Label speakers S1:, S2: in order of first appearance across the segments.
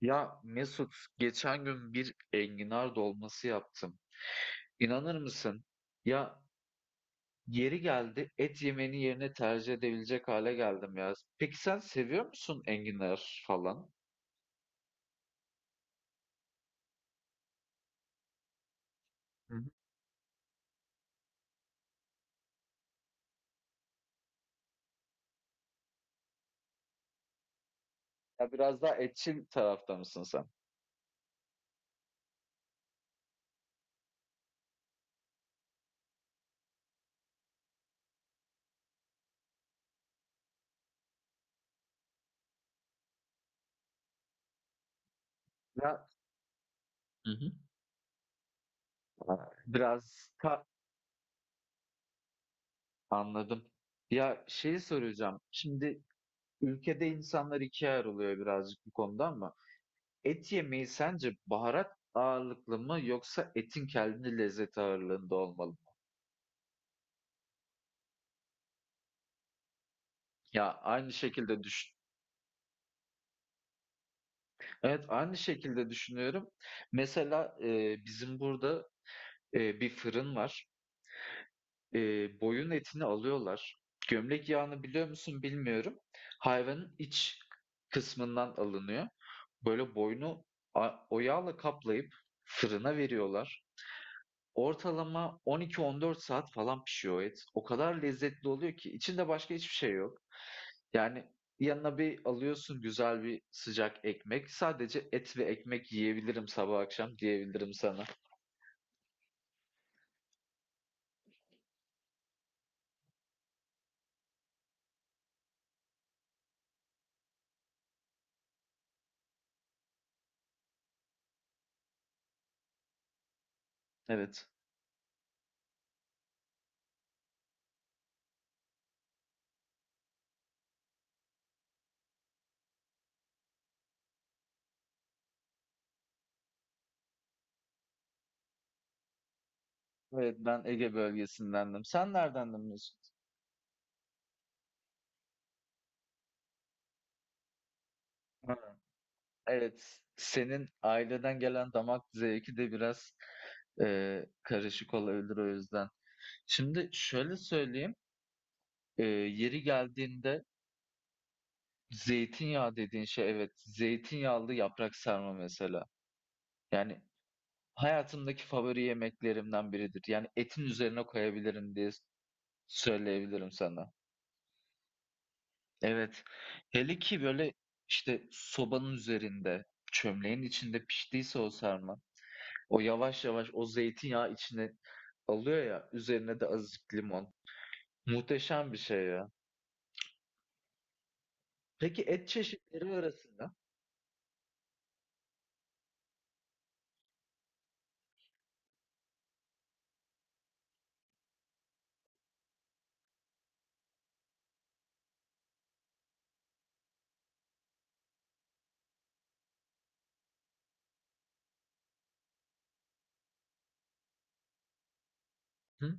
S1: Ya Mesut geçen gün bir enginar dolması yaptım. İnanır mısın? Ya yeri geldi et yemeni yerine tercih edebilecek hale geldim ya. Peki sen seviyor musun enginar falan? Hı hı. Ya biraz daha etçil tarafta mısın sen? Ya hı hı, biraz ka anladım. Ya şeyi soracağım. Şimdi ülkede insanlar ikiye ayrılıyor birazcık bu konuda ama et yemeği sence baharat ağırlıklı mı yoksa etin kendi lezzet ağırlığında olmalı mı? Ya aynı şekilde düşün. Evet aynı şekilde düşünüyorum. Mesela bizim burada bir fırın var. E, boyun etini alıyorlar. Gömlek yağını biliyor musun bilmiyorum. Hayvanın iç kısmından alınıyor. Böyle boynu o yağla kaplayıp fırına veriyorlar. Ortalama 12-14 saat falan pişiyor o et. O kadar lezzetli oluyor ki içinde başka hiçbir şey yok. Yani yanına bir alıyorsun güzel bir sıcak ekmek. Sadece et ve ekmek yiyebilirim sabah akşam diyebilirim sana. Evet. Evet, ben Ege bölgesindendim. Sen neredendin Mesut? Ha, evet. Senin aileden gelen damak zevki de biraz karışık olabilir o yüzden. Şimdi şöyle söyleyeyim. Yeri geldiğinde zeytinyağı dediğin şey, evet. Zeytinyağlı yaprak sarma mesela. Yani hayatımdaki favori yemeklerimden biridir. Yani etin üzerine koyabilirim diye söyleyebilirim sana. Evet. Hele ki böyle işte sobanın üzerinde, çömleğin içinde piştiyse o sarma. O yavaş yavaş o zeytinyağı içine alıyor ya. Üzerine de azıcık limon. Muhteşem bir şey ya. Peki et çeşitleri arasında? Hı?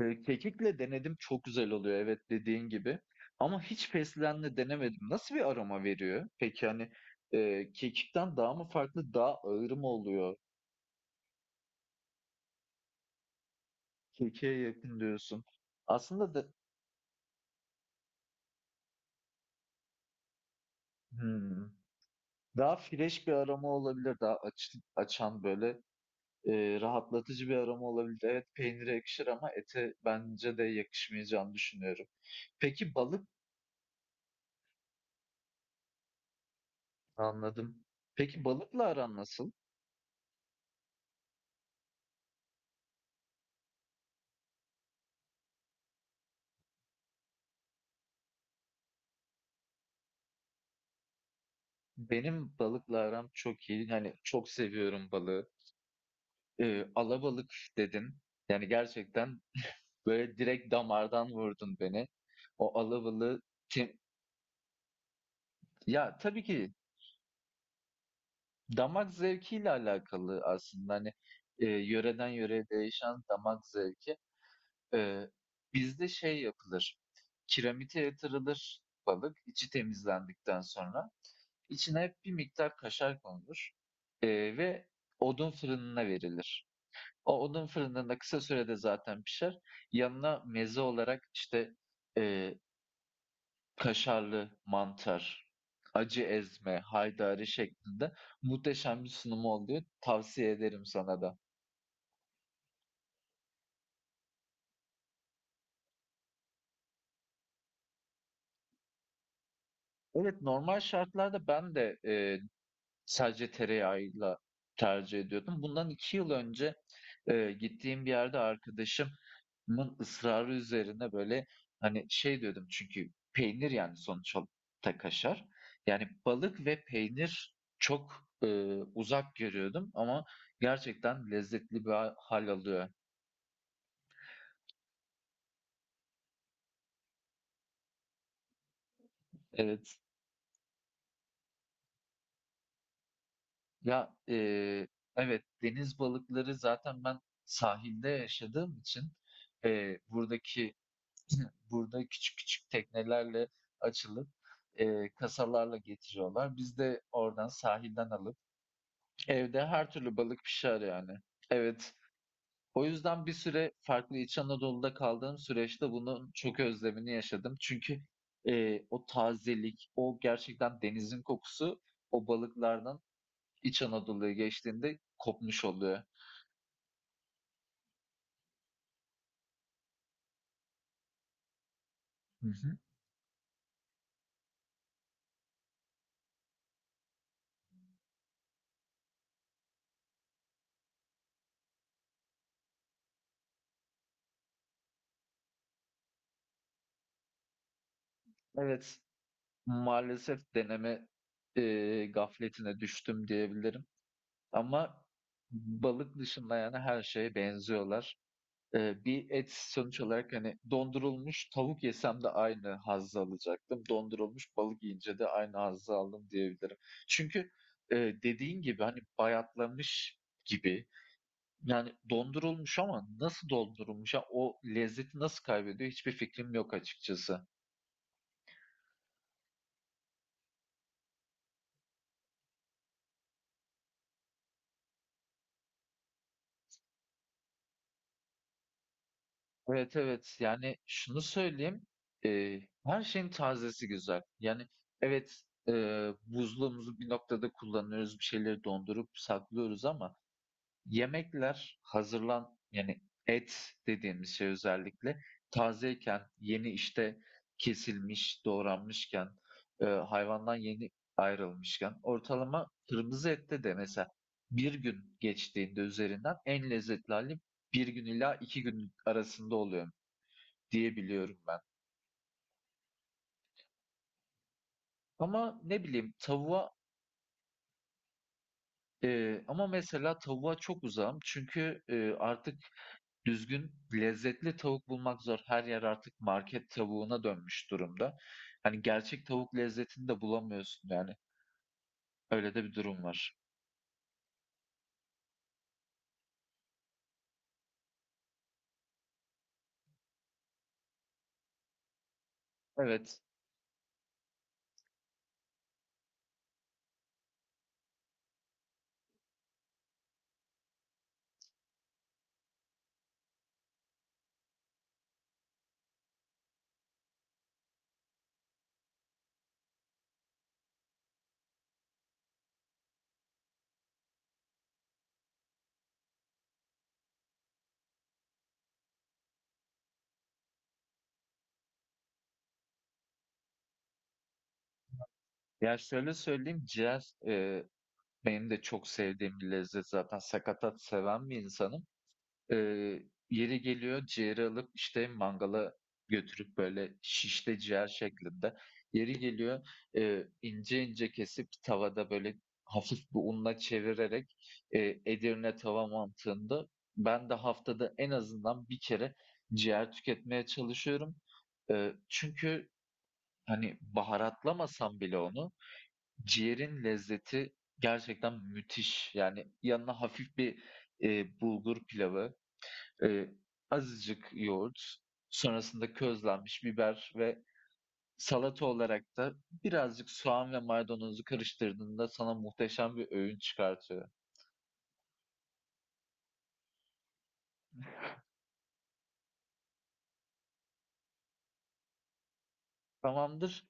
S1: Kekikle denedim, çok güzel oluyor, evet, dediğin gibi. Ama hiç fesleğenle denemedim. Nasıl bir aroma veriyor? Peki hani kekikten daha mı farklı, daha ağır mı oluyor? Kekiğe yakın diyorsun. Aslında da hmm, daha fresh bir aroma olabilir. Daha açan böyle rahatlatıcı bir aroma olabilir. Evet, peynire yakışır ama ete bence de yakışmayacağını düşünüyorum. Peki balık anladım. Peki balıkla aran nasıl? Benim balıkla aram çok iyi. Hani çok seviyorum balığı. Alabalık dedin. Yani gerçekten böyle direkt damardan vurdun beni. O alabalığı kim... Ya tabii ki damak zevkiyle alakalı aslında. Hani yöreden yöreye değişen damak zevki. Ee, Bizde şey yapılır. Kiremite yatırılır balık içi temizlendikten sonra. İçine hep bir miktar kaşar konulur. Ee, ve odun fırınına verilir. O odun fırınında kısa sürede zaten pişer. Yanına meze olarak işte eee, kaşarlı mantar, acı ezme, haydari şeklinde muhteşem bir sunumu oluyor. Tavsiye ederim sana da. Evet, normal şartlarda ben de sadece tereyağıyla tercih ediyordum. Bundan 2 yıl önce, gittiğim bir yerde arkadaşımın ısrarı üzerine, böyle, hani, şey diyordum çünkü peynir, yani, sonuç olarak da kaşar. Yani, balık ve peynir çok, uzak görüyordum ama gerçekten lezzetli bir hâl alıyor. Evet. Ya, evet, deniz balıkları zaten ben sahilde yaşadığım için, buradaki burada küçük küçük teknelerle açılıp, kasalarla getiriyorlar. Biz de oradan sahilden alıp evde her türlü balık pişer yani. Evet. O yüzden bir süre farklı İç Anadolu'da kaldığım süreçte bunun çok özlemini yaşadım. Çünkü, o tazelik, o gerçekten denizin kokusu o balıklardan İç Anadolu'ya geçtiğinde kopmuş oluyor. Hı hı. Evet, maalesef deneme, gafletine düştüm diyebilirim. Ama balık dışında yani her şeye benziyorlar. Bir et sonuç olarak, hani dondurulmuş tavuk yesem de aynı hazzı alacaktım. Dondurulmuş balık yiyince de aynı hazzı aldım diyebilirim. Çünkü e, dediğin gibi hani bayatlamış gibi, yani dondurulmuş ama nasıl dondurulmuş ya, o lezzeti nasıl kaybediyor hiçbir fikrim yok açıkçası. Evet, evet. Yani şunu söyleyeyim, her şeyin tazesi güzel. Yani evet, buzluğumuzu bir noktada kullanıyoruz, bir şeyleri dondurup saklıyoruz ama yemekler hazırlan, yani et dediğimiz şey özellikle tazeyken, yeni işte kesilmiş, doğranmışken, hayvandan yeni ayrılmışken, ortalama kırmızı ette de mesela bir gün geçtiğinde üzerinden en lezzetli hali bir gün ila iki gün arasında oluyor diyebiliyorum ben. Ama ne bileyim tavuğa ama mesela tavuğa çok uzağım çünkü artık düzgün lezzetli tavuk bulmak zor. Her yer artık market tavuğuna dönmüş durumda. Hani gerçek tavuk lezzetini de bulamıyorsun yani. Öyle de bir durum var. Evet. Ya şöyle söyleyeyim, ciğer benim de çok sevdiğim bir lezzet zaten. Sakatat seven bir insanım. Eee, Yeri geliyor ciğeri alıp, işte, mangala götürüp, böyle, şişte ciğer şeklinde, yeri geliyor, ince ince kesip tavada, böyle, hafif bir unla çevirerek, Edirne tava mantığında ben de haftada en azından bir kere ciğer tüketmeye çalışıyorum. Çünkü, hani, baharatlamasam bile onu, ciğerin lezzeti gerçekten müthiş. Yani yanına hafif bir, bulgur pilavı, Eee, azıcık yoğurt, sonrasında közlenmiş biber ve salata olarak da birazcık soğan ve maydanozu karıştırdığında sana muhteşem bir öğün çıkartıyor. Tamamdır.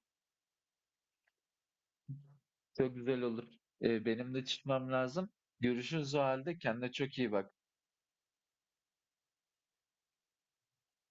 S1: Çok güzel olur. Benim de çıkmam lazım. Görüşürüz o halde. Kendine çok iyi bak.